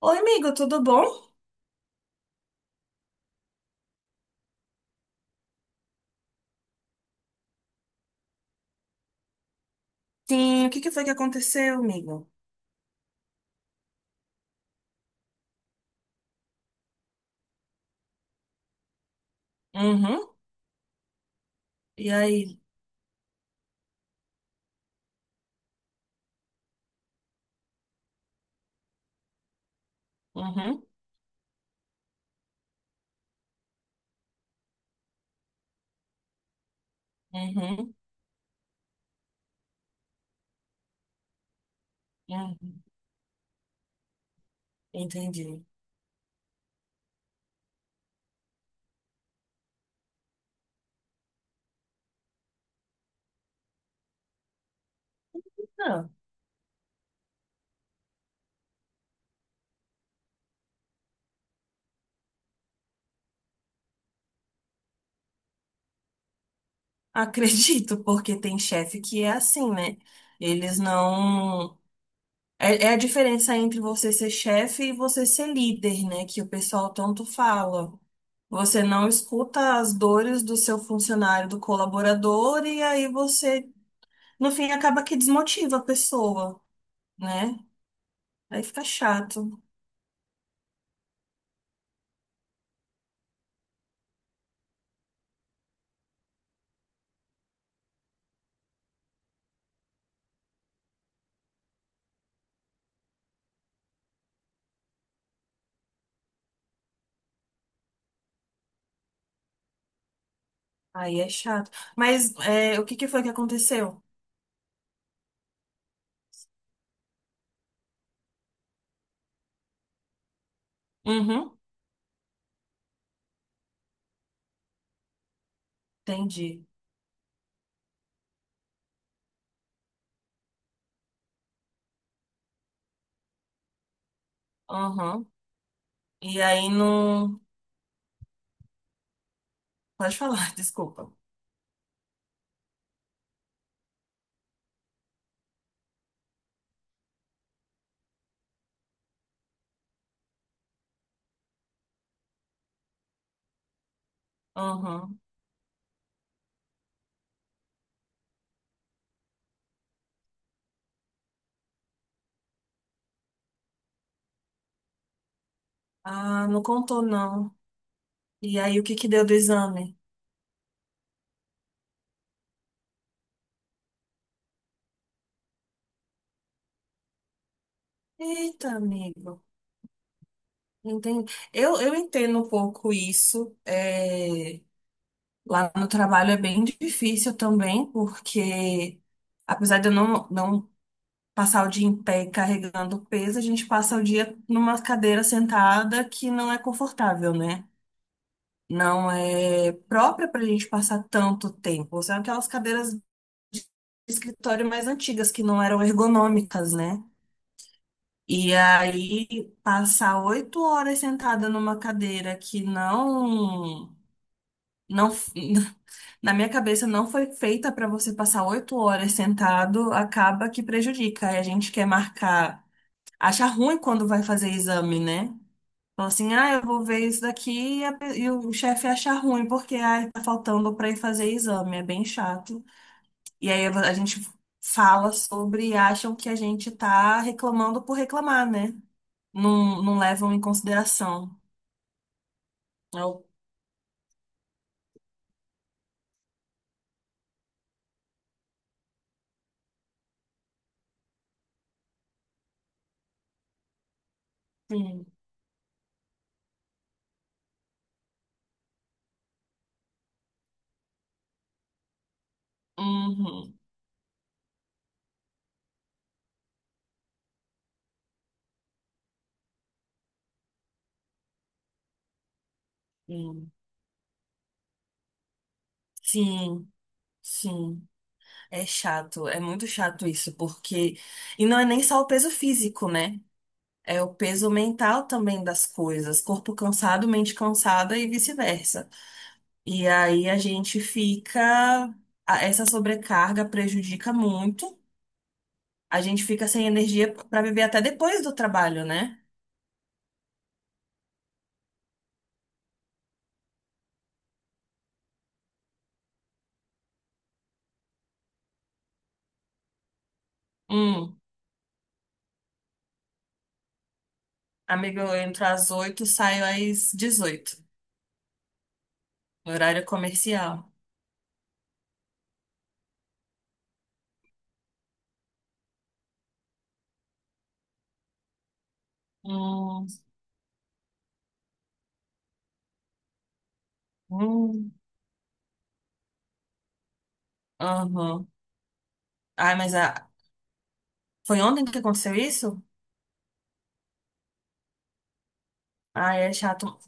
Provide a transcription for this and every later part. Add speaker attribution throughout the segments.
Speaker 1: Oi, amigo, tudo bom? Sim, o que que foi que aconteceu, amigo? Uhum. E aí? Uhum, uhum, uhum. Entendi. Não, acredito, porque tem chefe que é assim, né? Eles não. É, é a diferença entre você ser chefe e você ser líder, né? Que o pessoal tanto fala. Você não escuta as dores do seu funcionário, do colaborador, e aí você, no fim, acaba que desmotiva a pessoa, né? Aí fica chato. Aí é chato. Mas é, o que que foi que aconteceu? Uhum. Entendi. Uhum. E aí não. Pode falar, desculpa. Uhum. Ah, não contou, não. E aí o que que deu do exame? Eita, amigo. Entendi. Eu entendo um pouco isso. É, lá no trabalho é bem difícil também, porque apesar de eu não passar o dia em pé carregando peso, a gente passa o dia numa cadeira sentada que não é confortável, né? Não é própria para a gente passar tanto tempo. São aquelas cadeiras de escritório mais antigas que não eram ergonômicas, né? E aí passar 8 horas sentada numa cadeira que não na minha cabeça não foi feita para você passar 8 horas sentado, acaba que prejudica. Aí a gente quer marcar, acha ruim quando vai fazer exame, né? Falam assim, ah, eu vou ver isso daqui e o chefe acha ruim, porque ah, tá faltando pra ir fazer exame, é bem chato. E aí a gente fala sobre e acham que a gente tá reclamando por reclamar, né? Não, não levam em consideração. Eu, hum, uhum, hum. Sim, sim. É chato, é muito chato isso, porque. E não é nem só o peso físico, né? É o peso mental também das coisas. Corpo cansado, mente cansada e vice-versa. E aí a gente fica. Essa sobrecarga prejudica muito. A gente fica sem energia para viver até depois do trabalho, né? Hum, amigo, eu entro às 8, saio às 18, no horário comercial. Hum, hum, aham. Ai, mas a... foi ontem que aconteceu isso? Ai, é chato.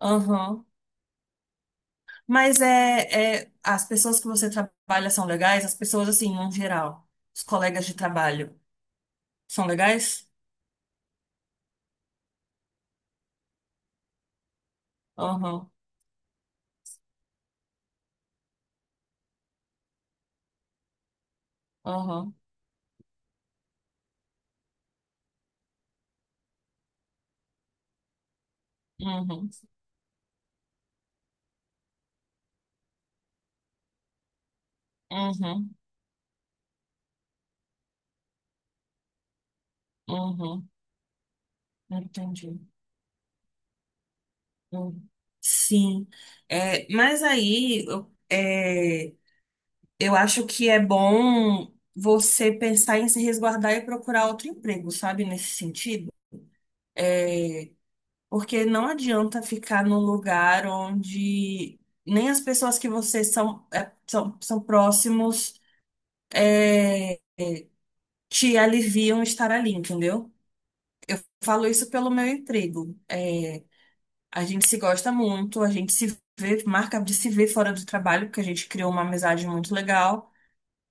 Speaker 1: Aham. Mas é, é. As pessoas que você trabalha são legais? As pessoas, assim, no geral. Os colegas de trabalho são legais? Aham. Uhum, uhum, uhum, uhum, entendi. Uhum. Sim, é, mas aí é, eu acho que é bom você pensar em se resguardar e procurar outro emprego, sabe, nesse sentido? É, porque não adianta ficar num lugar onde nem as pessoas que você são, é, são próximos é, te aliviam estar ali, entendeu? Falo isso pelo meu emprego. É, a gente se gosta muito, a gente se vê, marca de se ver fora do trabalho, porque a gente criou uma amizade muito legal.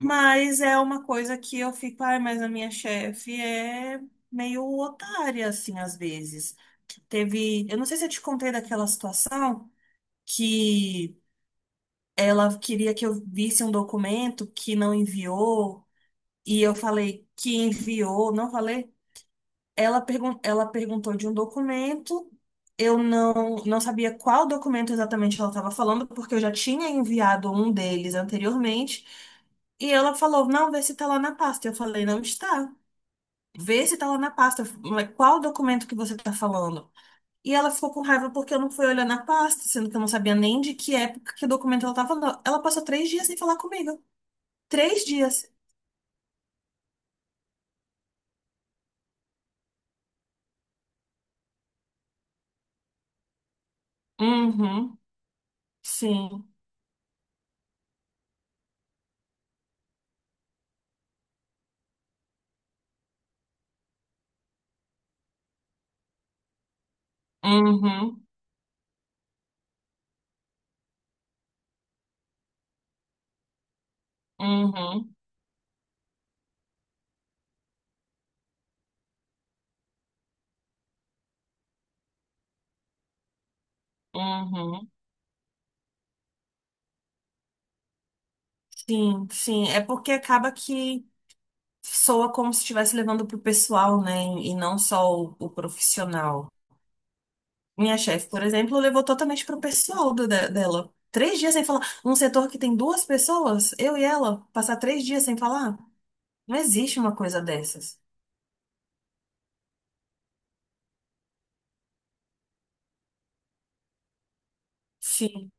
Speaker 1: Mas é uma coisa que eu fico, ai, mas a minha chefe é meio otária, assim, às vezes. Teve, eu não sei se eu te contei daquela situação que ela queria que eu visse um documento que não enviou, e eu falei que enviou, não falei? Ela, pergun ela perguntou de um documento. Eu não sabia qual documento exatamente ela estava falando, porque eu já tinha enviado um deles anteriormente. E ela falou: não, vê se está lá na pasta. Eu falei: não está. Vê se está lá na pasta. Mas qual documento que você está falando? E ela ficou com raiva porque eu não fui olhar na pasta, sendo que eu não sabia nem de que época que documento ela estava falando. Ela passou 3 dias sem falar comigo. 3 dias. Uhum. Sim. Uhum. Uhum. Uhum. Sim, sim. É porque acaba que soa como se estivesse levando pro pessoal, né? E não só o profissional. Minha chefe, por exemplo, levou totalmente pro pessoal dela. Três dias sem falar. Um setor que tem duas pessoas, eu e ela, passar 3 dias sem falar? Não existe uma coisa dessas. Sim,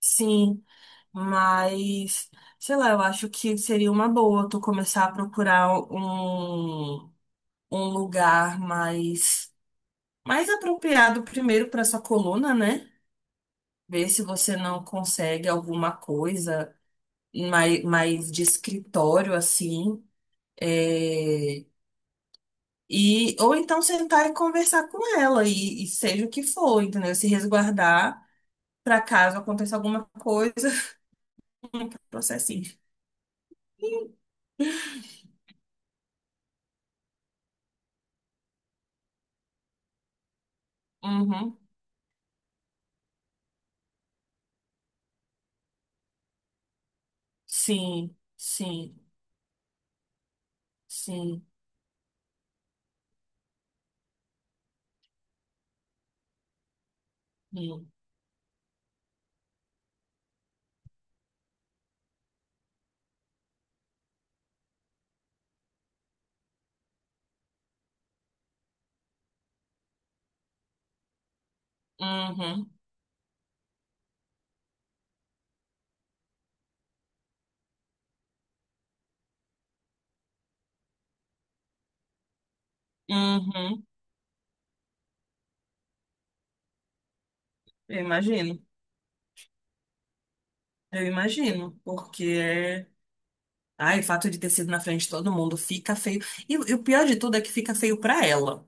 Speaker 1: sim. Mas, sei lá, eu acho que seria uma boa tu começar a procurar um lugar mais apropriado primeiro para sua coluna, né? Ver se você não consegue alguma coisa mais de escritório, assim. É, e, ou então sentar e conversar com ela, e seja o que for, entendeu? Se resguardar para caso aconteça alguma coisa, processinho. Uhum. Sim, sim, sim. Sim. Uhum. Uhum. Eu imagino. Eu imagino, porque é. Ai, o fato de ter sido na frente de todo mundo fica feio. E o pior de tudo é que fica feio pra ela.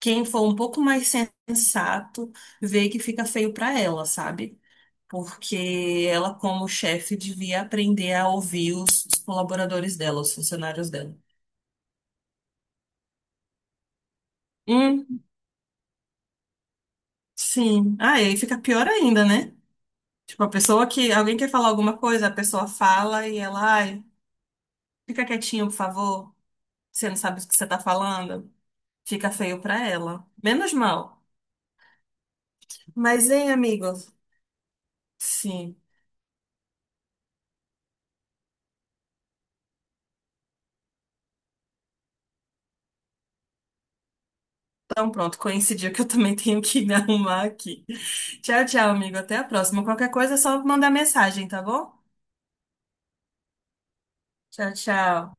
Speaker 1: Quem for um pouco mais sensato vê que fica feio para ela, sabe? Porque ela, como chefe, devia aprender a ouvir os colaboradores dela, os funcionários dela. Hum, sim. Ah, e aí fica pior ainda, né? Tipo, a pessoa que. Alguém quer falar alguma coisa, a pessoa fala e ela, ai, fica quietinho, por favor. Você não sabe o que você tá falando. Fica feio pra ela. Menos mal. Mas, hein, amigos? Sim. Então, pronto, coincidiu que eu também tenho que me arrumar aqui. Tchau, tchau, amigo. Até a próxima. Qualquer coisa é só mandar mensagem, tá bom? Tchau, tchau.